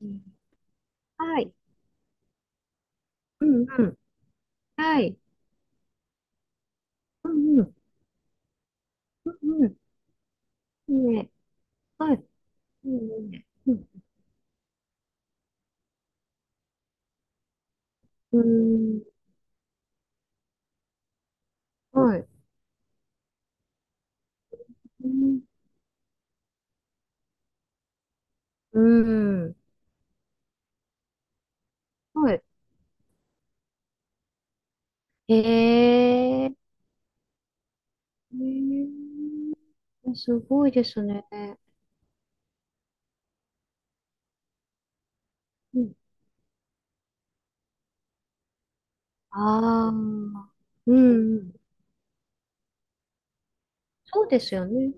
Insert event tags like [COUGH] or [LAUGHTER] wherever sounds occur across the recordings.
うん。はい。うんうん。はい。うんうん。うんうん。いいね。はい。いいね。うん。うーん。はい。うん。うーん。はい。へえ。へえ。すごいですね。うん。ああ。うんうん。そうですよね。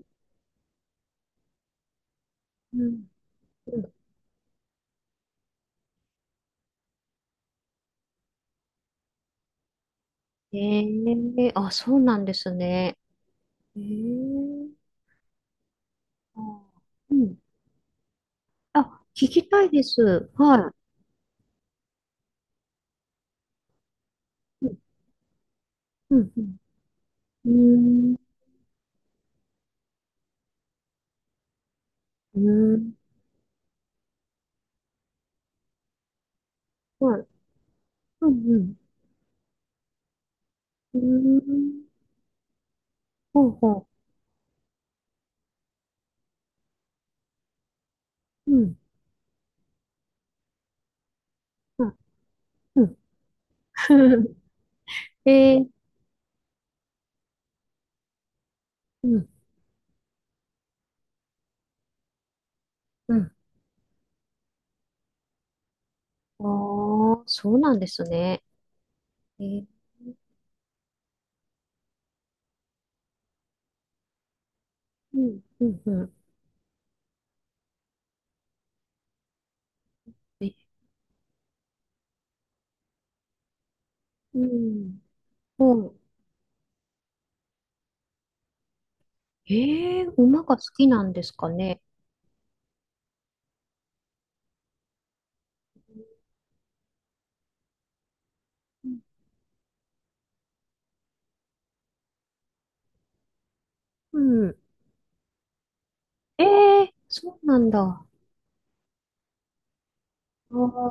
うん。うん。へえ。あ、そうなんですね。へえ。あーうん。あ、聞きたいです。はい。うん。うん。うん。うーんうーん。はい。うんうん。うーん。ほうほう。うん。はい。うん。[LAUGHS] えー、うん。うん。ああ、そうなんですね。えー、うん。うん。うん。えうん。ほう。えー、馬が好きなんですかね。うん。うん。えー、そうなんだ。あ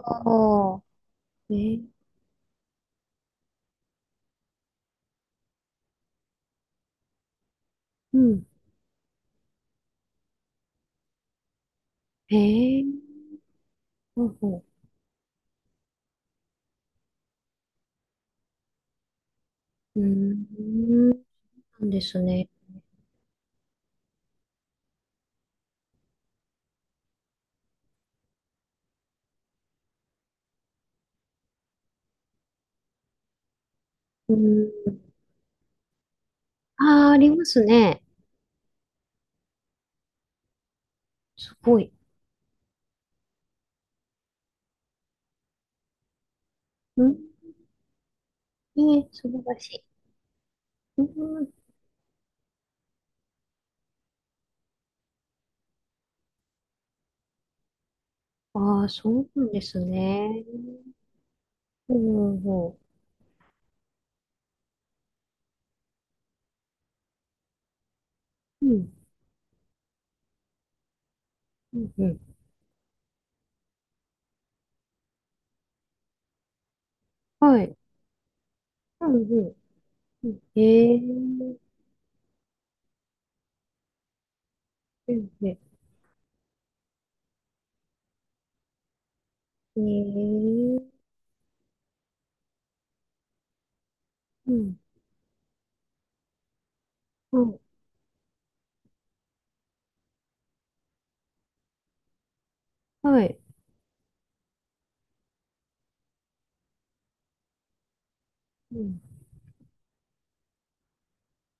あ、えー、うん。えー、ほうほう。うーん。なんですね。うん。ああ、ありますね。すごい。うん。ええ、素晴らしい。うん。ああ、そうなんですね。ほうほうう。ん。うん、うん。はい。うん、うん。うん。ええ。うん、ね。ええ。うん。うん。はい。うん。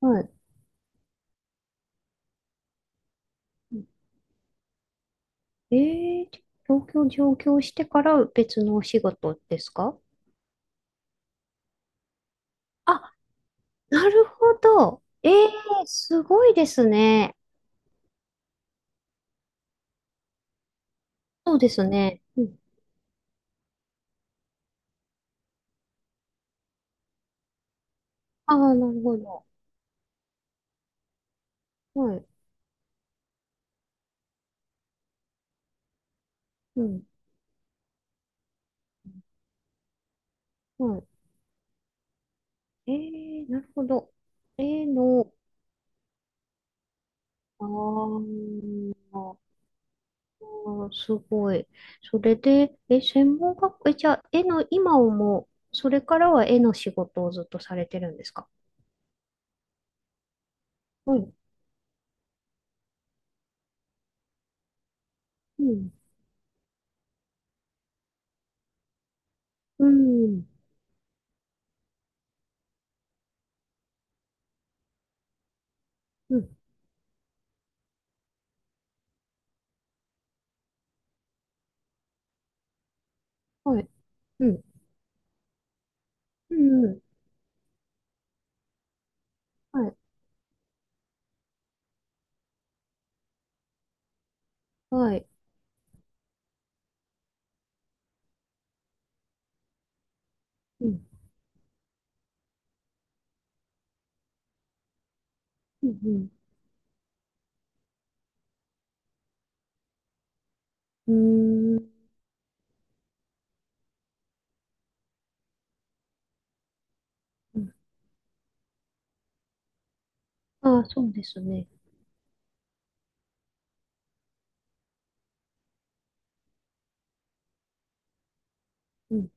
はい。うん、ええ、東京上京してから別のお仕事ですか？あ、なるほど。ええ、すごいですね。そうですね。うん。ああ、なるほど。はい。うん。はい。えー、なるほど。絵の、あーあー、すごい。それで、専門学校、じゃあ、絵の今をもう、それからは絵の仕事をずっとされてるんですか？はい。うん。うん。うん。はい。うん。うん。うん。はい。はい。うん。うん。うん。うーん。ああ、そうですね。うん。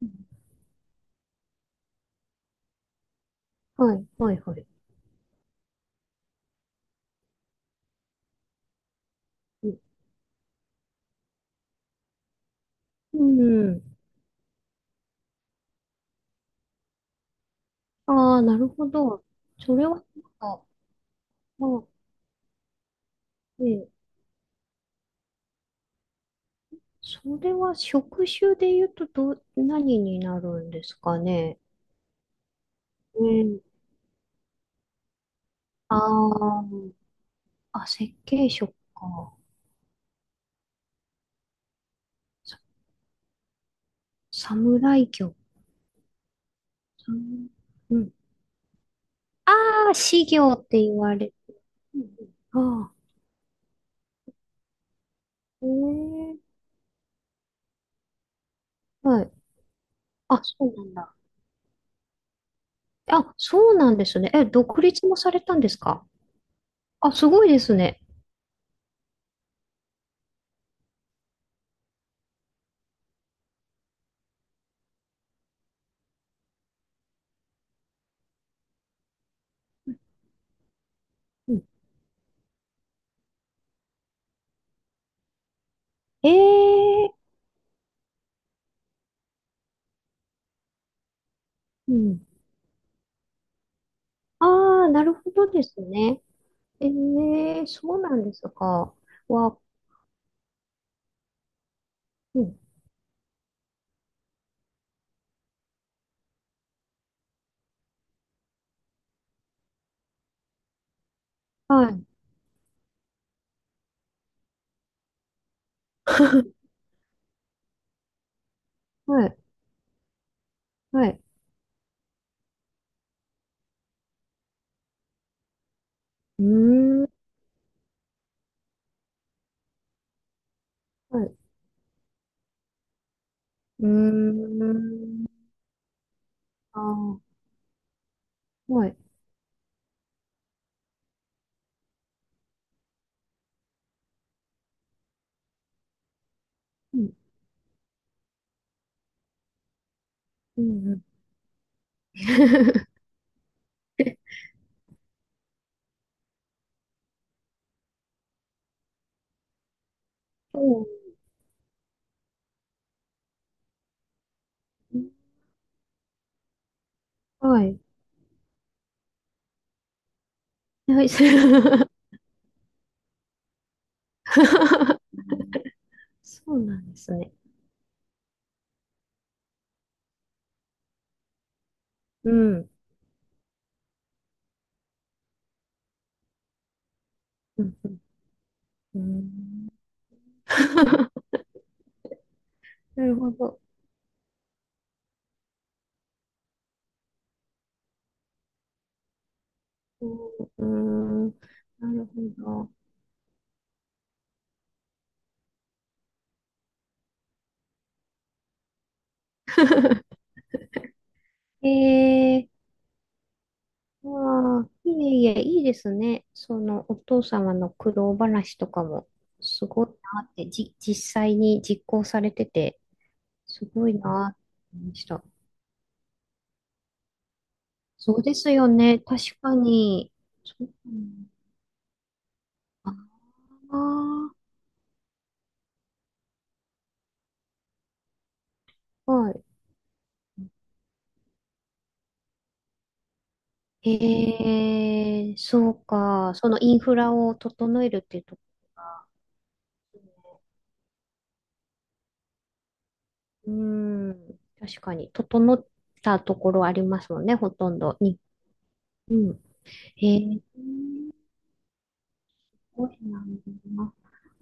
うん。はい。はい。はい。うん。うん。ああ、なるほど。それは、なんか、まあ、ええ、それは職種で言うとどう、何になるんですかね。うん。ああ、あ、設計職か。さ侍業。さんうん。ああ、士業って言われる。うん。あ、うん。へえ。あ、はい。あ、そうなんだ。あ、そうなんですね。独立もされたんですか？あ、すごいですね。うん。ええ。うん。ああ、なるほどですね。ええ、そうなんですか？は、うん。はい、はい、はい。うーん、はい、うーん、ああ、はい、うん、うん、うん。[LAUGHS] そうね。はい、はい、それは [LAUGHS] そうなんですね。うん、うん、うん、うん。[LAUGHS] なるほど。うん、うん。なるほど。[LAUGHS] えー。ああ、いえいえ、いいですね。そのお父様の苦労話とかも、すごいなって、実際に実行されてて、すごいなって思いました。そうですよね。確かに。そうかな。ああ、はい。へえ、そうか。そのインフラを整えるっていうところが、うん、確かに、整ったところありますもんね、ほとんどに。うん。へえ。ごいな。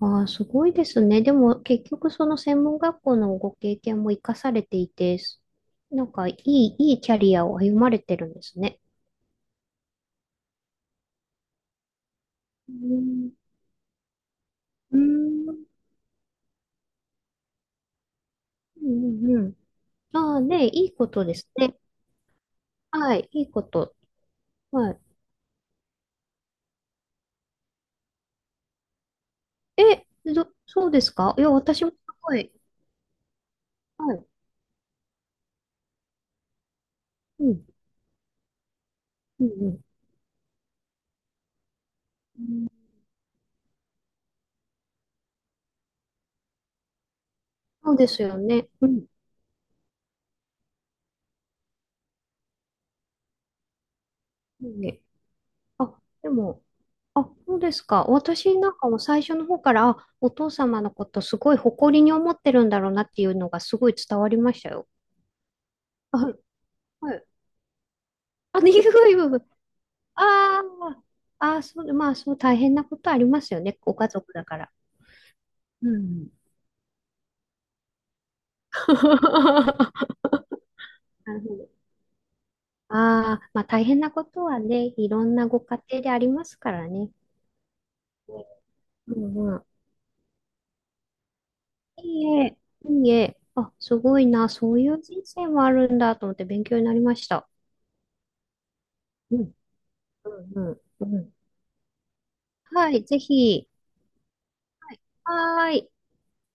ああ、すごいですね。でも結局その専門学校のご経験も生かされていて、なんかいい、いいキャリアを歩まれてるんですね。うん、うん、うん。うん。ああ、ね、いいことですね。はい、いいこと。はい。え、そうですか。いや、私もすごい。はい。うん、うん、うん。そうですよね。うん。いいね。あ、でも、あ、そうですか。私なんかも最初の方から、あ、お父様のことすごい誇りに思ってるんだろうなっていうのがすごい伝わりましたよ。あ、はい。はい。あ、ね、いい部分。あーあー、そう、まあそう大変なことありますよね。ご家族だから。うん。[LAUGHS] なるほど。ああ、まあ大変なことはね、いろんなご家庭でありますからね。うんうん。いいえ、いいえ。あ、すごいな。そういう人生もあるんだと思って勉強になりました。うんうんうんうん。はい、ぜひ。はーい。